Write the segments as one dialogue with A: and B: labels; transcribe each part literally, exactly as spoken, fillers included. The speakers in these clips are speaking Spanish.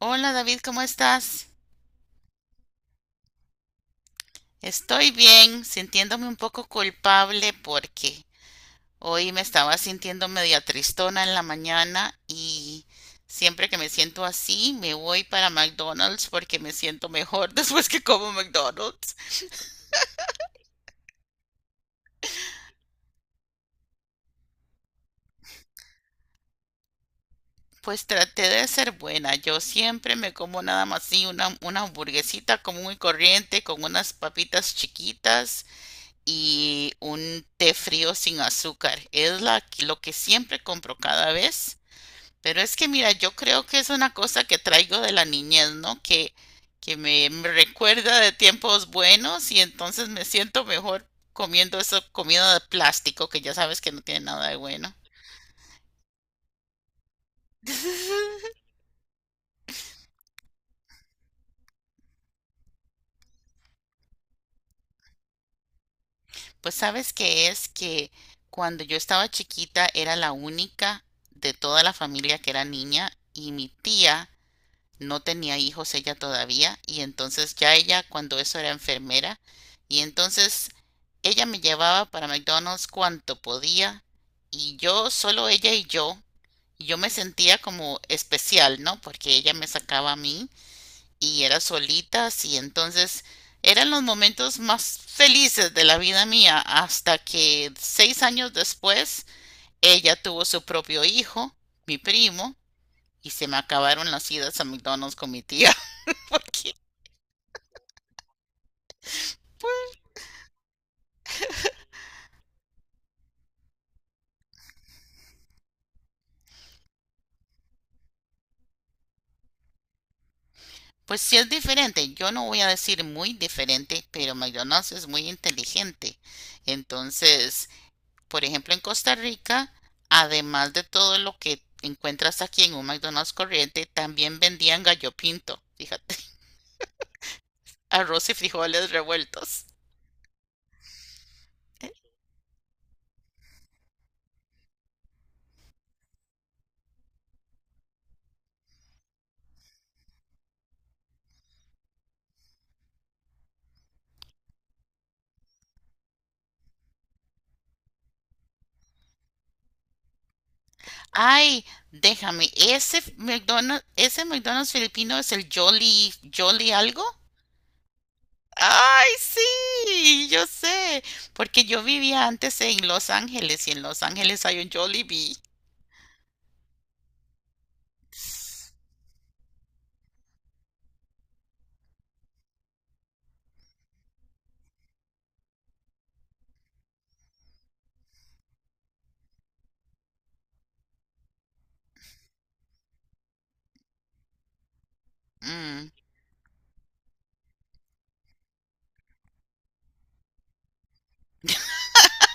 A: Hola David, ¿cómo estás? Estoy bien, sintiéndome un poco culpable porque hoy me estaba sintiendo media tristona en la mañana y siempre que me siento así me voy para McDonald's porque me siento mejor después que como McDonald's. Pues traté de ser buena, yo siempre me como nada más así una, una hamburguesita común y corriente con unas papitas chiquitas y un té frío sin azúcar. Es la, lo que siempre compro cada vez. Pero es que mira, yo creo que es una cosa que traigo de la niñez, ¿no? Que, que me, me recuerda de tiempos buenos y entonces me siento mejor comiendo esa comida de plástico que ya sabes que no tiene nada de bueno. Pues sabes que es que cuando yo estaba chiquita era la única de toda la familia que era niña y mi tía no tenía hijos ella todavía y entonces ya ella cuando eso era enfermera y entonces ella me llevaba para McDonald's cuanto podía y yo solo ella y yo y yo me sentía como especial, ¿no? Porque ella me sacaba a mí y era solita y entonces eran los momentos más felices de la vida mía hasta que seis años después ella tuvo su propio hijo, mi primo, y se me acabaron las idas a McDonald's con mi tía. Ok. Pues sí es diferente, yo no voy a decir muy diferente, pero McDonald's es muy inteligente. Entonces, por ejemplo, en Costa Rica, además de todo lo que encuentras aquí en un McDonald's corriente, también vendían gallo pinto, fíjate, arroz y frijoles revueltos. Ay, déjame, ese McDonald's, ese McDonald's filipino es el Jolly, Jolly algo. Ay, sí, yo sé, porque yo vivía antes en Los Ángeles y en Los Ángeles hay un Jollibee. Mm,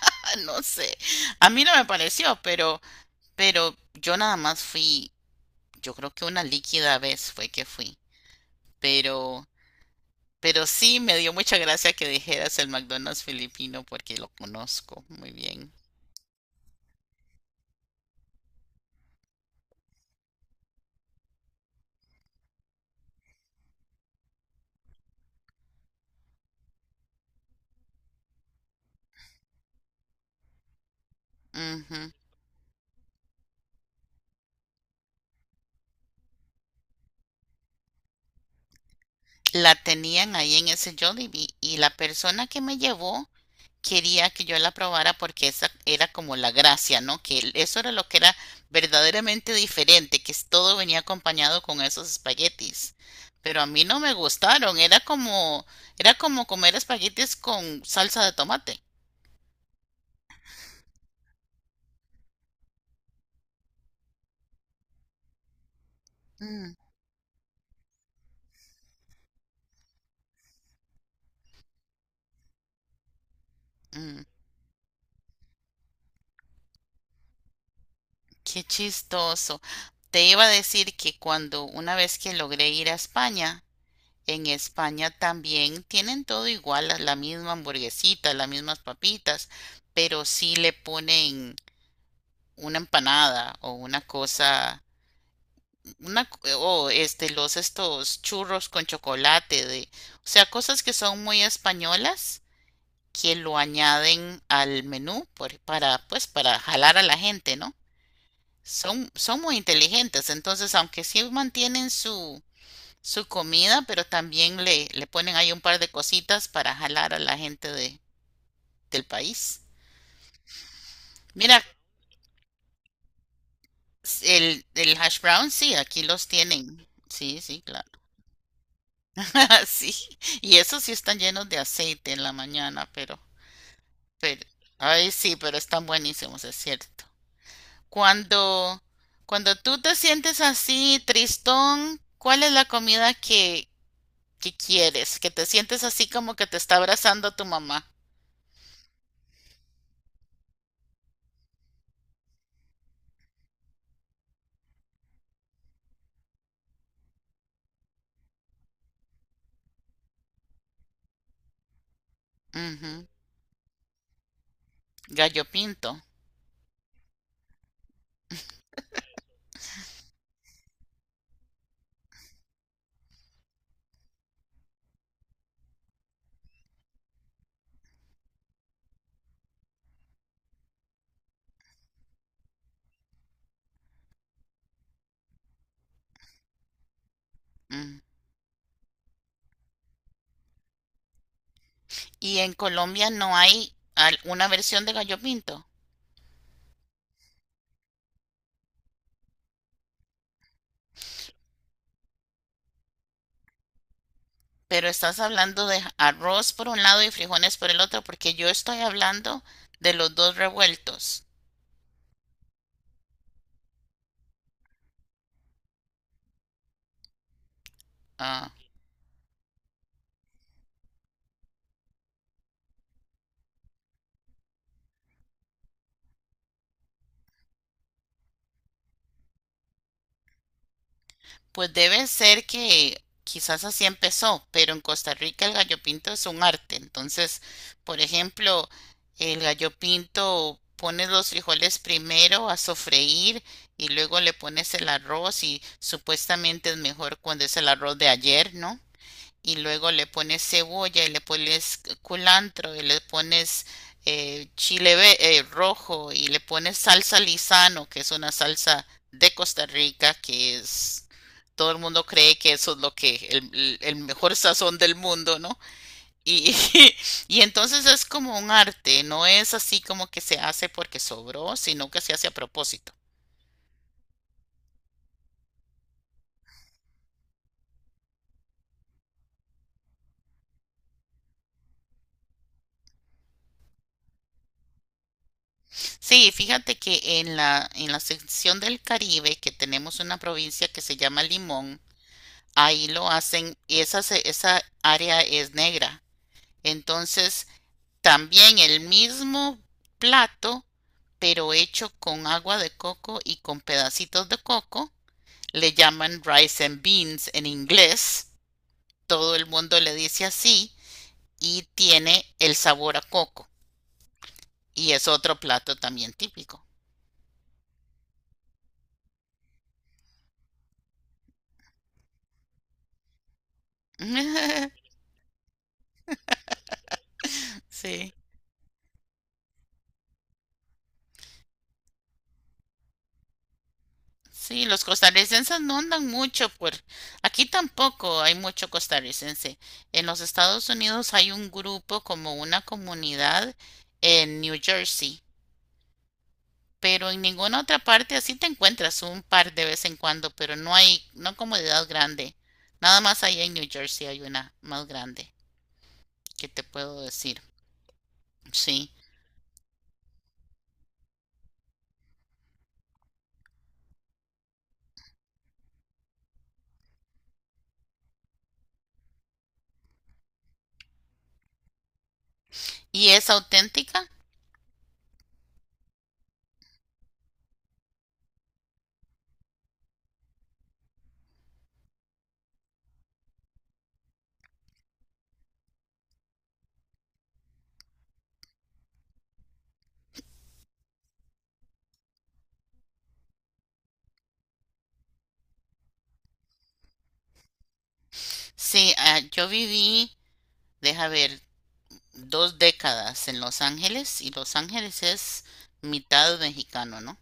A: ah, no sé, a mí no me pareció, pero, pero yo nada más fui, yo creo que una líquida vez fue que fui, pero, pero sí me dio mucha gracia que dijeras el McDonald's filipino porque lo conozco muy bien. Ujú. La tenían ahí en ese Jollibee y la persona que me llevó quería que yo la probara porque esa era como la gracia, ¿no? Que el- eso era lo que era verdaderamente diferente, que es- todo venía acompañado con esos espaguetis. Pero a mí no me gustaron, era como, era como comer espaguetis con salsa de tomate. Mm, mm, qué chistoso. Te iba a decir que cuando una vez que logré ir a España, en España también tienen todo igual, la la misma hamburguesita, las mismas papitas, pero sí le ponen una empanada o una cosa, una, c- o este, los estos churros con chocolate de, o sea, cosas que son muy españolas que lo añaden al menú por- para, pues, para jalar a la gente, ¿no? Son, son muy inteligentes, entonces, aunque sí mantienen su, su comida, pero también le, le ponen ahí un par de cositas para jalar a la gente de, del país. Mira, el, el hash brown, sí, aquí los tienen. Sí, sí, claro. Sí, y esos sí están llenos de aceite en la mañana, pero, pero, ay, sí, pero están buenísimos, es cierto. Cuando, cuando tú te sientes así, tristón, ¿cuál es la comida que, que quieres? Que te sientes así como que te está abrazando tu mamá. Ujú, gallo pinto. Mm. Y en Colombia no hay al- una versión de gallo pinto, pero estás hablando de arroz por un lado y frijoles por el otro, porque yo estoy hablando de los dos revueltos. Ah, pues debe ser que quizás así empezó, pero en Costa Rica el gallo pinto es un arte. Entonces, por ejemplo, el gallo pinto pones los frijoles primero a sofreír y luego le pones el arroz y supuestamente es mejor cuando es el arroz de ayer, ¿no? Y luego le pones cebolla y le pones culantro y le pones eh, chile eh, rojo y le pones salsa lisano, que es una salsa de Costa Rica, que es, todo el mundo cree que eso es lo que, el- el mejor sazón del mundo, ¿no? Y y entonces es como un arte, no es así como que se hace porque sobró, sino que se hace a propósito. Sí, fíjate que en la, en la sección del Caribe, que tenemos una provincia que se llama Limón, ahí lo hacen y esa, esa área es negra. Entonces, también el mismo plato, pero hecho con agua de coco y con pedacitos de coco, le llaman rice and beans en inglés. Todo el mundo le dice así y tiene el sabor a coco. Y es otro plato también típico. Sí. Sí, los costarricenses no andan mucho por aquí tampoco hay mucho costarricense. En los Estados Unidos hay un grupo como una comunidad en New Jersey, pero en ninguna otra parte así te encuentras un par de vez en cuando, pero no hay, no comunidad grande. Nada más allá en New Jersey hay una más grande que te puedo decir. Sí. ¿Y es auténtica? Sí, ah, yo viví, deja ver, dos décadas en Los Ángeles y Los Ángeles es mitad mexicano, ¿no?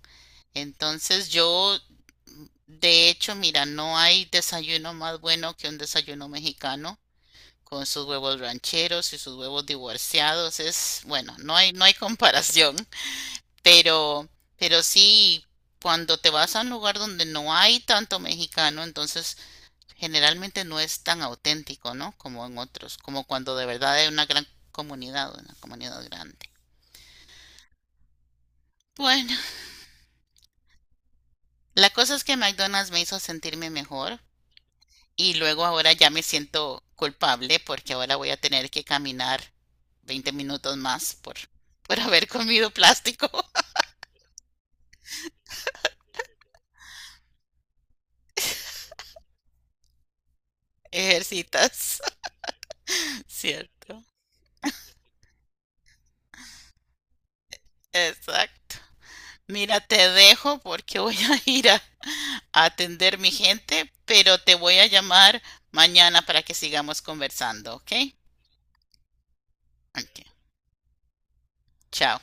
A: Entonces yo, de hecho, mira, no hay desayuno más bueno que un desayuno mexicano con sus huevos rancheros y sus huevos divorciados. Es, bueno, no hay, no hay comparación, pero, pero sí, cuando te vas a un lugar donde no hay tanto mexicano, entonces generalmente no es tan auténtico, ¿no? Como en otros, como cuando de verdad hay una gran comunidad, una comunidad grande. Bueno, la cosa es que McDonald's me hizo sentirme mejor y luego ahora ya me siento culpable porque ahora voy a tener que caminar veinte minutos más por, por haber comido plástico. Ejercitas, ¿cierto? Exacto. Mira, te dejo porque voy a ir a, a atender mi gente, pero te voy a llamar mañana para que sigamos conversando, ¿ok? Ok, chao.